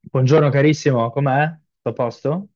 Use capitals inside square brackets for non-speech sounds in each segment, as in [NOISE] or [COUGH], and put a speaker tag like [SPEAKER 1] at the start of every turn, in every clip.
[SPEAKER 1] Buongiorno carissimo, com'è? Tutto a posto?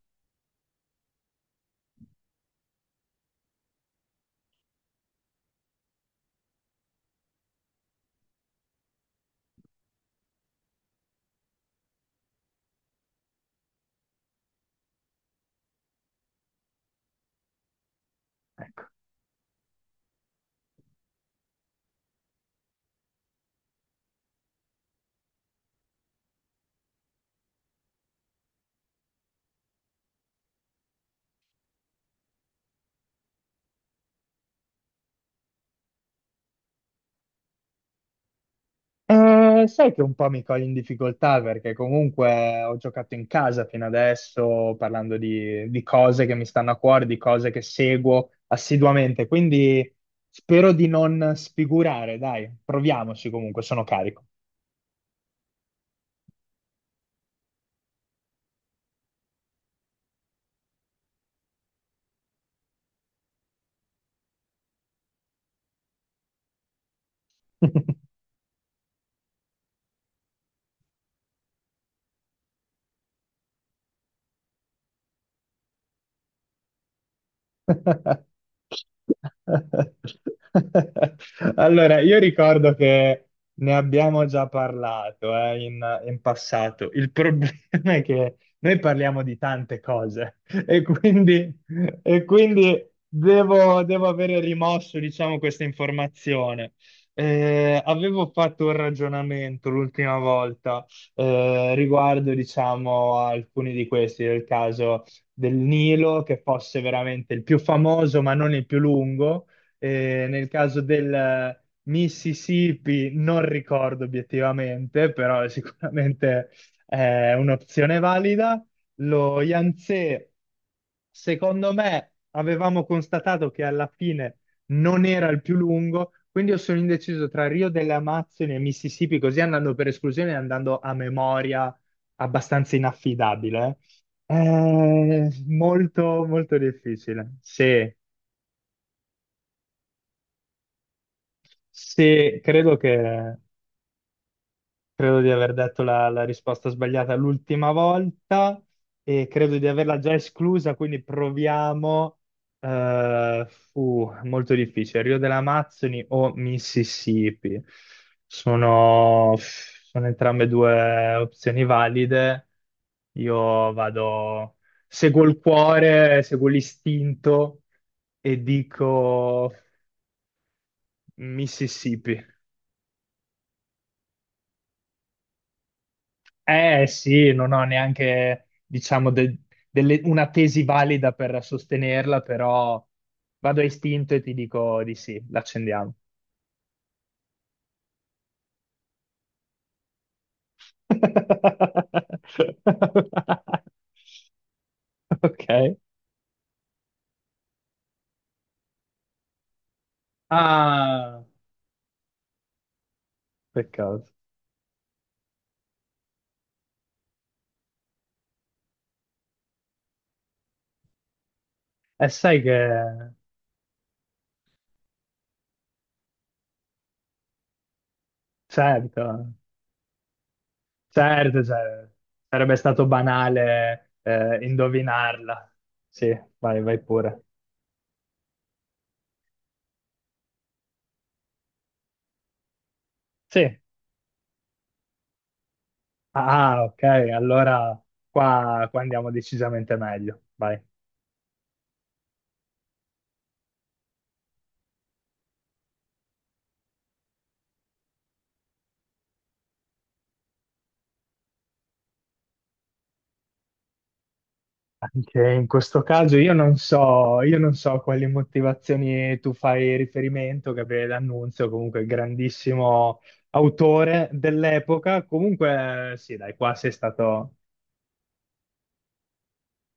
[SPEAKER 1] Sai che un po' mi cogli in difficoltà perché comunque ho giocato in casa fino adesso parlando di cose che mi stanno a cuore, di cose che seguo assiduamente, quindi spero di non sfigurare, dai, proviamoci comunque, sono carico. [LAUGHS] [LAUGHS] Allora, io ricordo che ne abbiamo già parlato, in passato. Il problema è che noi parliamo di tante cose e quindi, e quindi devo avere rimosso, diciamo, questa informazione. Avevo fatto un ragionamento l'ultima volta riguardo, diciamo, a alcuni di questi, nel caso del Nilo, che fosse veramente il più famoso, ma non il più lungo. Nel caso del Mississippi non ricordo obiettivamente, però [LAUGHS] è un'opzione valida. Lo Yangtze, secondo me, avevamo constatato che alla fine non era il più lungo, quindi io sono indeciso tra Rio delle Amazzoni e Mississippi, così andando per esclusione e andando a memoria abbastanza inaffidabile. Molto difficile. Sì, sì, credo di aver detto la risposta sbagliata l'ultima volta e credo di averla già esclusa, quindi proviamo. eh, Fu molto difficile. Rio delle Amazzoni o Mississippi? Sono entrambe due opzioni valide. Io vado, Seguo il cuore, seguo l'istinto e dico Mississippi. Eh sì, non ho neanche, diciamo, una tesi valida per sostenerla, però vado a istinto e ti dico di sì, l'accendiamo. [LAUGHS] Ok. Ah, peccato. E sai che, certo, certo, cioè, sarebbe stato banale indovinarla. Sì, vai, vai pure. Sì. Ah, ok, allora qua andiamo decisamente meglio. Vai. Anche in questo caso io non so quali motivazioni tu fai riferimento, che l'annunzio, comunque grandissimo autore dell'epoca. Comunque, sì, dai, qua sei stato.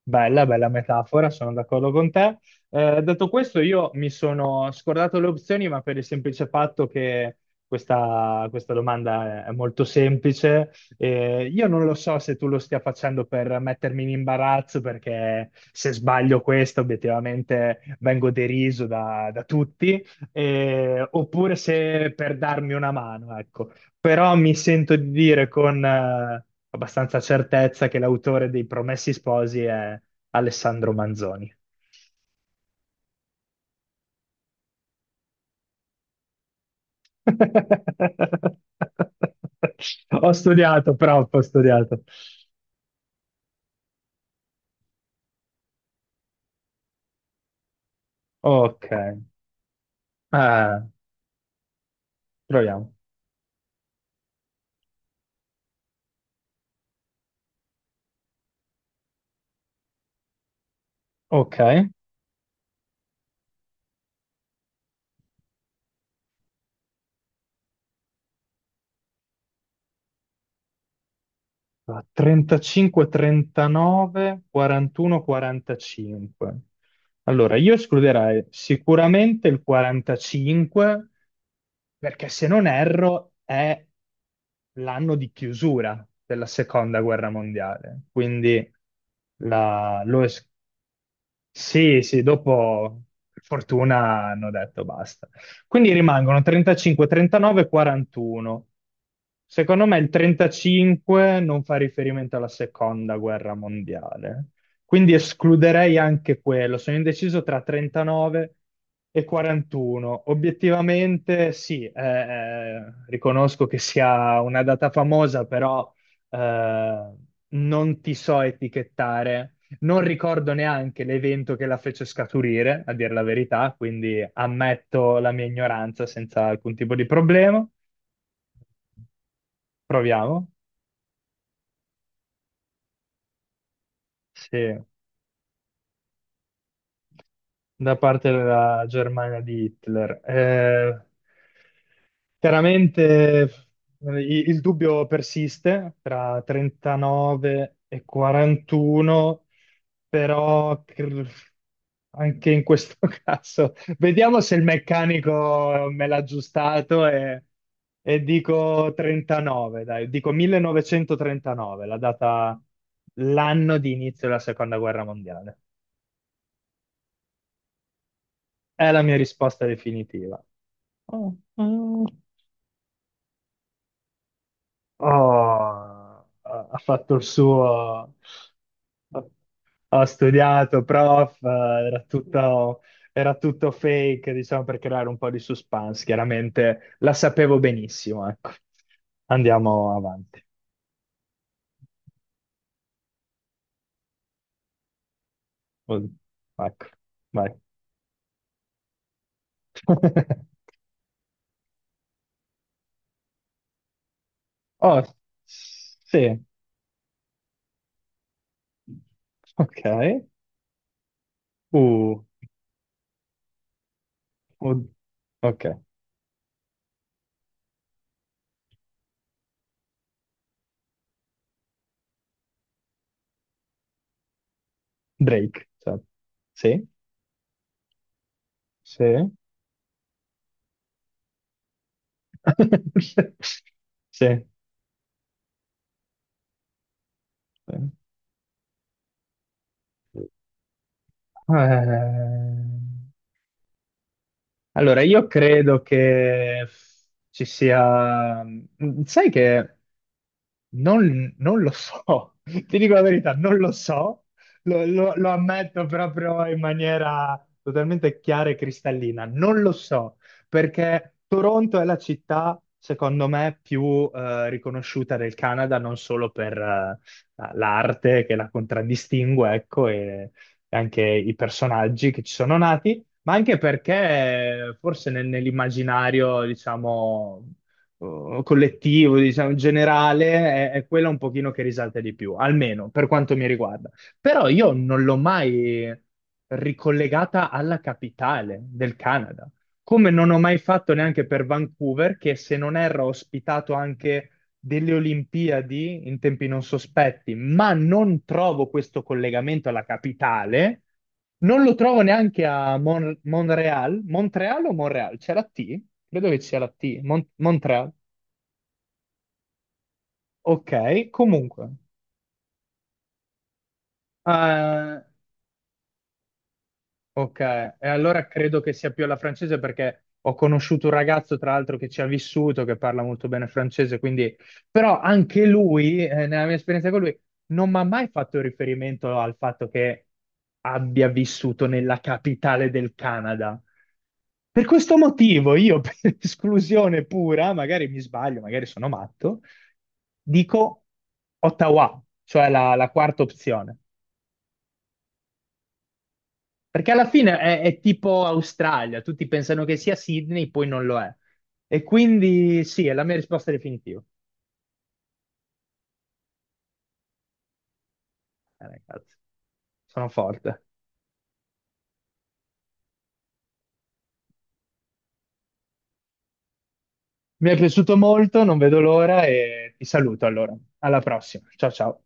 [SPEAKER 1] Bella, bella metafora, sono d'accordo con te. Detto questo, io mi sono scordato le opzioni, ma per il semplice fatto che questa domanda è molto semplice. Io non lo so se tu lo stia facendo per mettermi in imbarazzo, perché se sbaglio questo, obiettivamente vengo deriso da tutti, oppure se per darmi una mano, ecco, però mi sento di dire con abbastanza certezza che l'autore dei Promessi Sposi è Alessandro Manzoni. [LAUGHS] Ho studiato, però ho studiato. Ok. Proviamo. Ok, 35-39, 41-45. Allora, io escluderei sicuramente il 45 perché se non erro è l'anno di chiusura della seconda guerra mondiale, quindi la- lo es- sì, sì, dopo per fortuna hanno detto basta. Quindi rimangono 35, 39, 41. Secondo me il 35 non fa riferimento alla seconda guerra mondiale, quindi escluderei anche quello. Sono indeciso tra 39 e 41. Obiettivamente sì, riconosco che sia una data famosa, però eh, non ti so etichettare, non ricordo neanche l'evento che la fece scaturire, a dire la verità, quindi ammetto la mia ignoranza senza alcun tipo di problema. Proviamo. Sì. Da parte della Germania di Hitler. Chiaramente il dubbio persiste tra 39 e 41, però anche in questo [LAUGHS] caso vediamo se il meccanico me l'ha aggiustato e dico 39, dai, dico 1939, la data, l'anno di inizio della seconda guerra mondiale. È la mia risposta definitiva. Oh, mm, oh, ha fatto il suo, ha studiato, prof, era tutto, era tutto fake, diciamo, per creare un po' di suspense. Chiaramente la sapevo benissimo, ecco. Andiamo avanti. Oh, ecco, vai. [LAUGHS] Oh, sì. Ok. Uh, oh, ok. Drake. Sì, sì. [LAUGHS] Sì, sì. Eh, allora, io credo che ci sia... sai che non, non lo so, [LAUGHS] ti dico la verità, non lo so, lo ammetto proprio in maniera totalmente chiara e cristallina, non lo so, perché Toronto è la città, secondo me, più riconosciuta del Canada, non solo per l'arte che la contraddistingue, ecco, e anche i personaggi che ci sono nati, ma anche perché forse nell'immaginario, diciamo collettivo, diciamo, generale, è quella un pochino che risalta di più, almeno per quanto mi riguarda. Però io non l'ho mai ricollegata alla capitale del Canada, come non ho mai fatto neanche per Vancouver, che se non erro ha ospitato anche delle Olimpiadi in tempi non sospetti, ma non trovo questo collegamento alla capitale, non lo trovo neanche a Monreal. Montreal o Monreal? C'è la T? Credo che sia la T. Montreal. Ok, comunque. Eh, Ok, e allora credo che sia più alla francese perché ho conosciuto un ragazzo, tra l'altro, che ci ha vissuto, che parla molto bene francese, quindi... Però anche lui, nella mia esperienza con lui, non mi ha mai fatto riferimento al fatto che abbia vissuto nella capitale del Canada. Per questo motivo io, [LAUGHS] per esclusione pura, magari mi sbaglio, magari sono matto, dico Ottawa, cioè la quarta opzione. Perché alla fine è tipo Australia, tutti pensano che sia Sydney, poi non lo è. E quindi sì, è la mia risposta definitiva. Ragazzi, sono forte. Mi è piaciuto molto, non vedo l'ora e ti saluto allora. Alla prossima. Ciao ciao.